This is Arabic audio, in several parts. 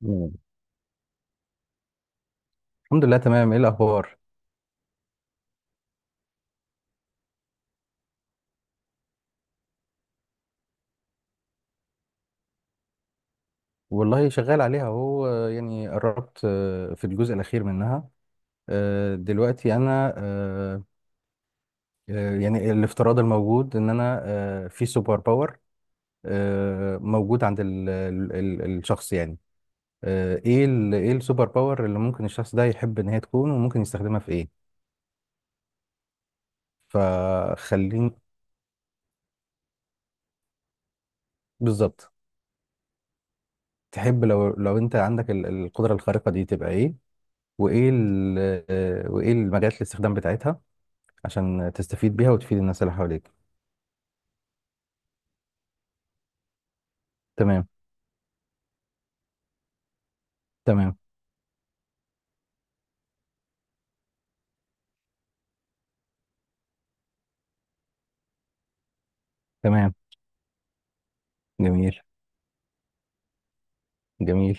مم. الحمد لله، تمام. ايه الاخبار؟ والله شغال عليها اهو، يعني قربت، في الجزء الاخير منها. دلوقتي انا، يعني الافتراض الموجود ان انا في سوبر باور موجود عند الشخص، يعني ايه ايه السوبر باور اللي ممكن الشخص ده يحب ان هي تكون وممكن يستخدمها في ايه. فخليني. بالظبط. تحب لو انت عندك القدرة الخارقة دي تبقى ايه؟ وايه وايه المجالات الاستخدام بتاعتها عشان تستفيد بيها وتفيد الناس اللي حواليك. تمام. تمام. تمام. جميل. جميل.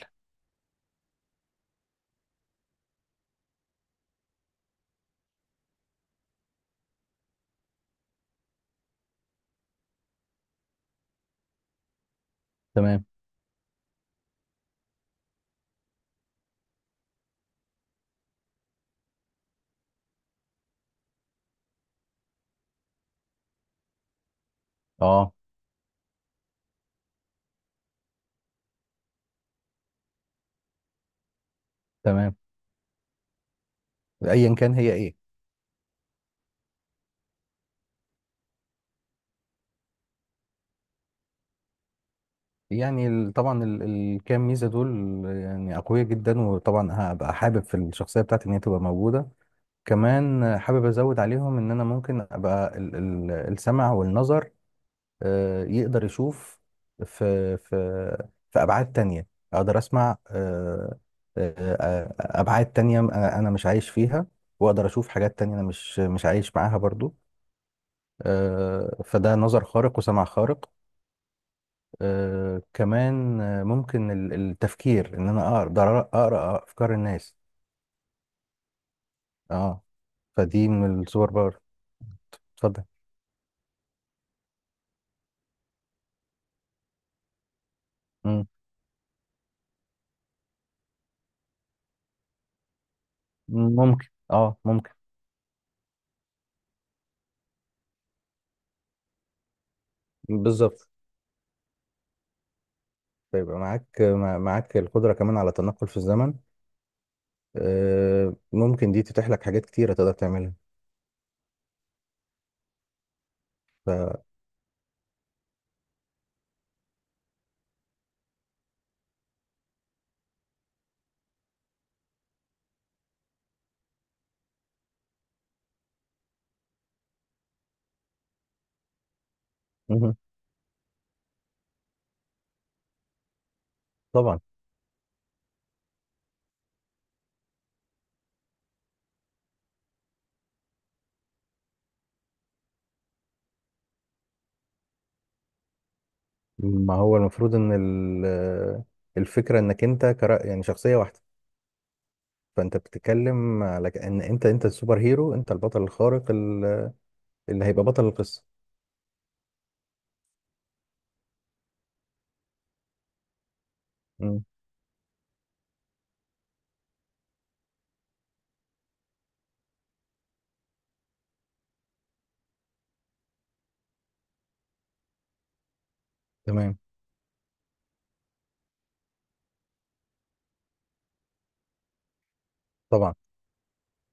تمام. اه. تمام. ايا كان هي ايه. يعني طبعا الكام ميزه دول يعني اقوياء جدا، وطبعا هبقى حابب في الشخصيه بتاعتي ان هي تبقى موجوده. كمان حابب ازود عليهم ان انا ممكن ابقى السمع والنظر، يقدر يشوف في في في ابعاد تانية، اقدر اسمع ابعاد تانية، انا مش عايش فيها، واقدر اشوف حاجات تانية انا مش عايش معاها برضو. فده نظر خارق وسمع خارق. كمان ممكن التفكير ان انا اقدر اقرا افكار الناس. اه. فدي من السوبر باور. اتفضل. مم. ممكن، اه، ممكن. بالظبط. فيبقى معاك القدرة كمان على التنقل في الزمن. ممكن دي تتيح لك حاجات كتيرة تقدر تعملها. ف... مهم. طبعا. ما هو المفروض ان الفكرة انك انت، يعني شخصية واحدة. فانت بتتكلم على ان انت السوبر هيرو، انت البطل الخارق اللي هيبقى بطل القصة. مم. تمام. طبعا.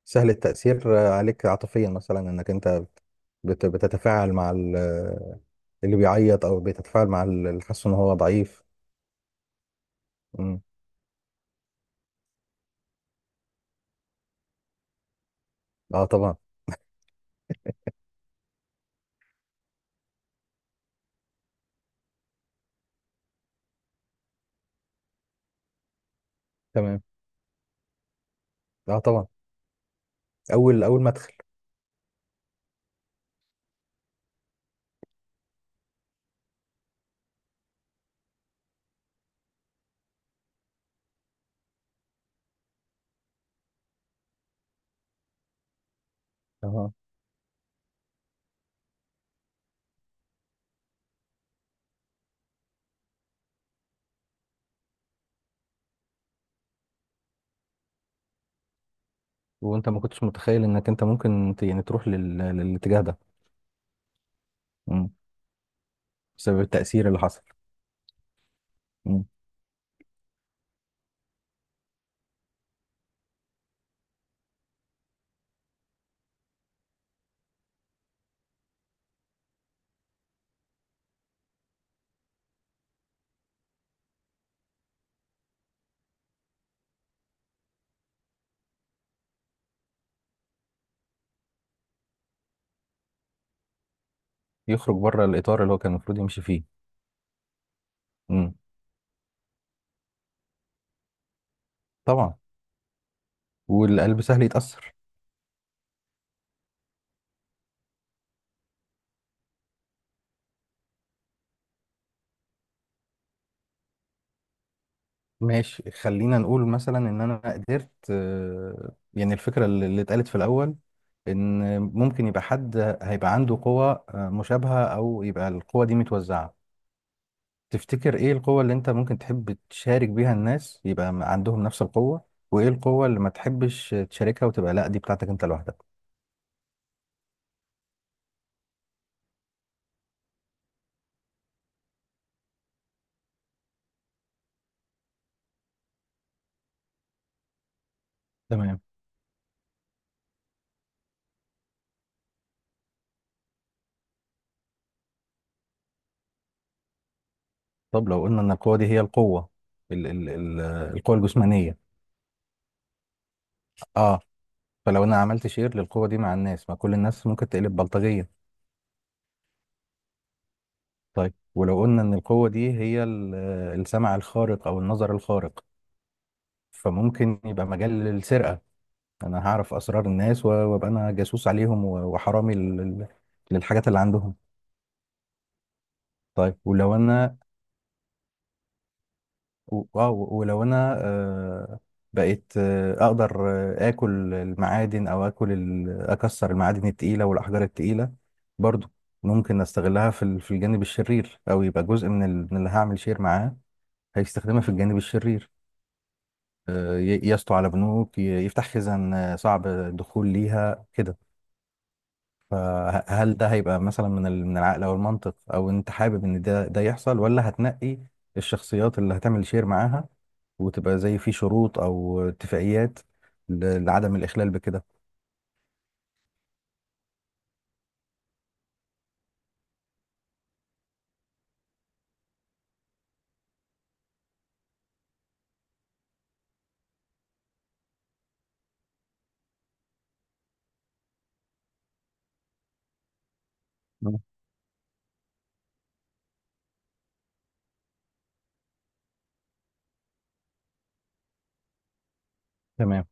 سهل التأثير عليك عاطفيا مثلا، انك انت بتتفاعل مع اللي بيعيط، او بيتفاعل مع اللي حاسس ان هو ضعيف. مم. اه، طبعا. تمام. اه، طبعا. اول ما ادخل. وانت ما كنتش متخيل انك انت ممكن يعني تروح للاتجاه ده؟ مم. بسبب التأثير اللي حصل. مم. يخرج بره الإطار اللي هو كان المفروض يمشي فيه. مم. طبعا. والقلب سهل يتأثر. ماشي، خلينا نقول مثلا ان انا قدرت، يعني الفكرة اللي اتقالت في الأول ان ممكن يبقى حد هيبقى عنده قوة مشابهة، او يبقى القوة دي متوزعة. تفتكر ايه القوة اللي انت ممكن تحب تشارك بيها الناس يبقى عندهم نفس القوة؟ وايه القوة اللي ما تحبش تشاركها وتبقى لا دي بتاعتك انت لوحدك؟ تمام. طب لو قلنا ان القوة دي هي القوة، ال ال ال القوة الجسمانية. اه. فلو انا عملت شير للقوة دي مع الناس، ما كل الناس ممكن تقلب بلطجية. طيب، ولو قلنا ان القوة دي هي السمع الخارق او النظر الخارق، فممكن يبقى مجال للسرقة. انا هعرف اسرار الناس، وابقى انا جاسوس عليهم، وحرامي للحاجات اللي عندهم. طيب، ولو انا، ولو انا بقيت اقدر اكل المعادن، او اكل اكسر المعادن التقيله والاحجار التقيله برضو، ممكن استغلها في في الجانب الشرير، او يبقى جزء من من اللي هعمل شير معاه هيستخدمها في الجانب الشرير. يسطو على بنوك، يفتح خزان صعب الدخول ليها كده. فهل ده هيبقى مثلا من من العقل او المنطق، او انت حابب ان ده يحصل، ولا هتنقي الشخصيات اللي هتعمل شير معاها وتبقى زي في شروط او اتفاقيات لعدم الاخلال بكده؟ آه، تمام.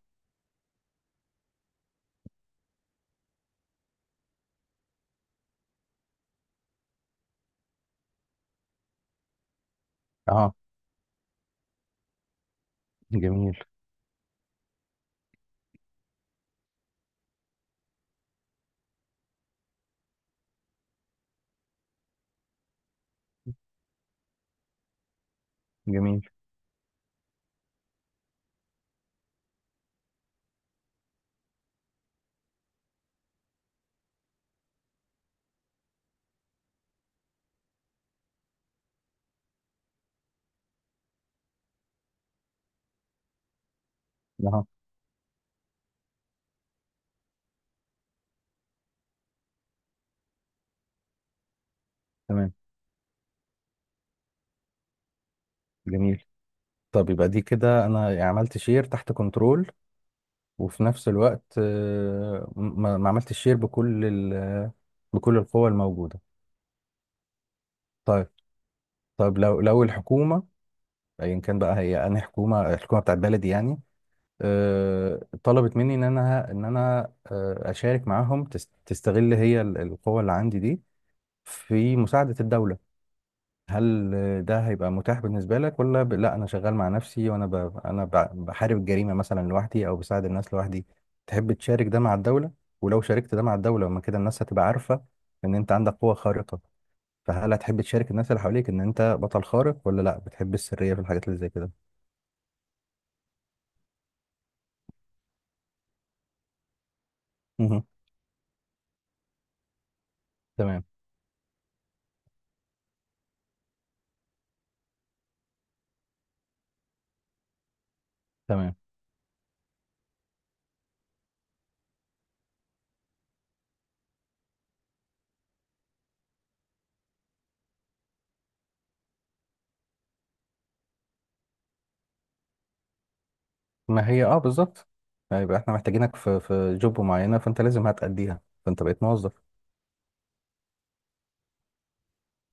اه. جميل. جميل. اه. تمام. جميل. طب يبقى دي كده انا يعني عملت شير تحت كنترول، وفي نفس الوقت ما عملتش شير بكل بكل القوى الموجوده. طيب. طيب، لو الحكومه، ايا كان بقى هي، انا حكومه، الحكومه بتاعت بلدي يعني، طلبت مني ان انا اشارك معاهم، تستغل هي القوه اللي عندي دي في مساعدة الدولة، هل ده هيبقى متاح بالنسبة لك؟ ولا لا، أنا شغال مع نفسي، وأنا أنا ب... بحارب الجريمة مثلا لوحدي، أو بساعد الناس لوحدي. تحب تشارك ده مع الدولة؟ ولو شاركت ده مع الدولة، ما كده الناس هتبقى عارفة إن أنت عندك قوة خارقة. فهل هتحب تشارك الناس اللي حواليك إن أنت بطل خارق، ولا لا بتحب السرية في الحاجات اللي زي كده؟ مهم. تمام. تمام. ما هي أه، بالظبط. هيبقى إحنا محتاجينك في جوب معينة، فأنت لازم هتأديها. فأنت بقيت موظف.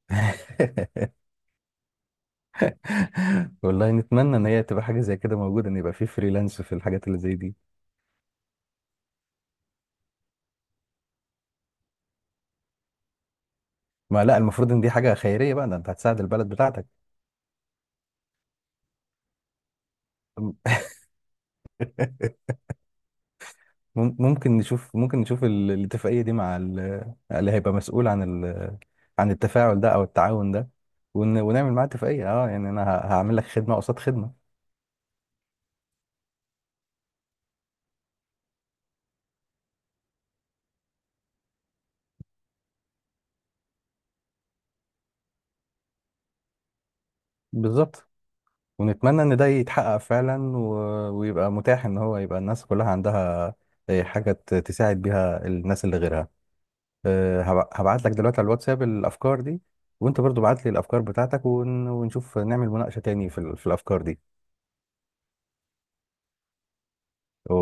والله نتمنى ان هي تبقى حاجه زي كده موجوده، ان يبقى في فريلانس في الحاجات اللي زي دي. ما لا، المفروض ان دي حاجه خيريه بقى، ده انت هتساعد البلد بتاعتك. ممكن نشوف، ممكن نشوف الاتفاقيه دي مع اللي هيبقى مسؤول عن عن التفاعل ده، او التعاون ده، ونعمل معاه اتفاقيه، اه يعني انا هعمل لك خدمه قصاد خدمه. بالظبط. ونتمنى ان ده يتحقق فعلا، ويبقى متاح ان هو يبقى الناس كلها عندها حاجه تساعد بيها الناس اللي غيرها. هبعت لك دلوقتي على الواتساب الافكار دي، وانت برضو بعت لي الافكار بتاعتك، ونشوف نعمل مناقشة تاني في في الافكار دي.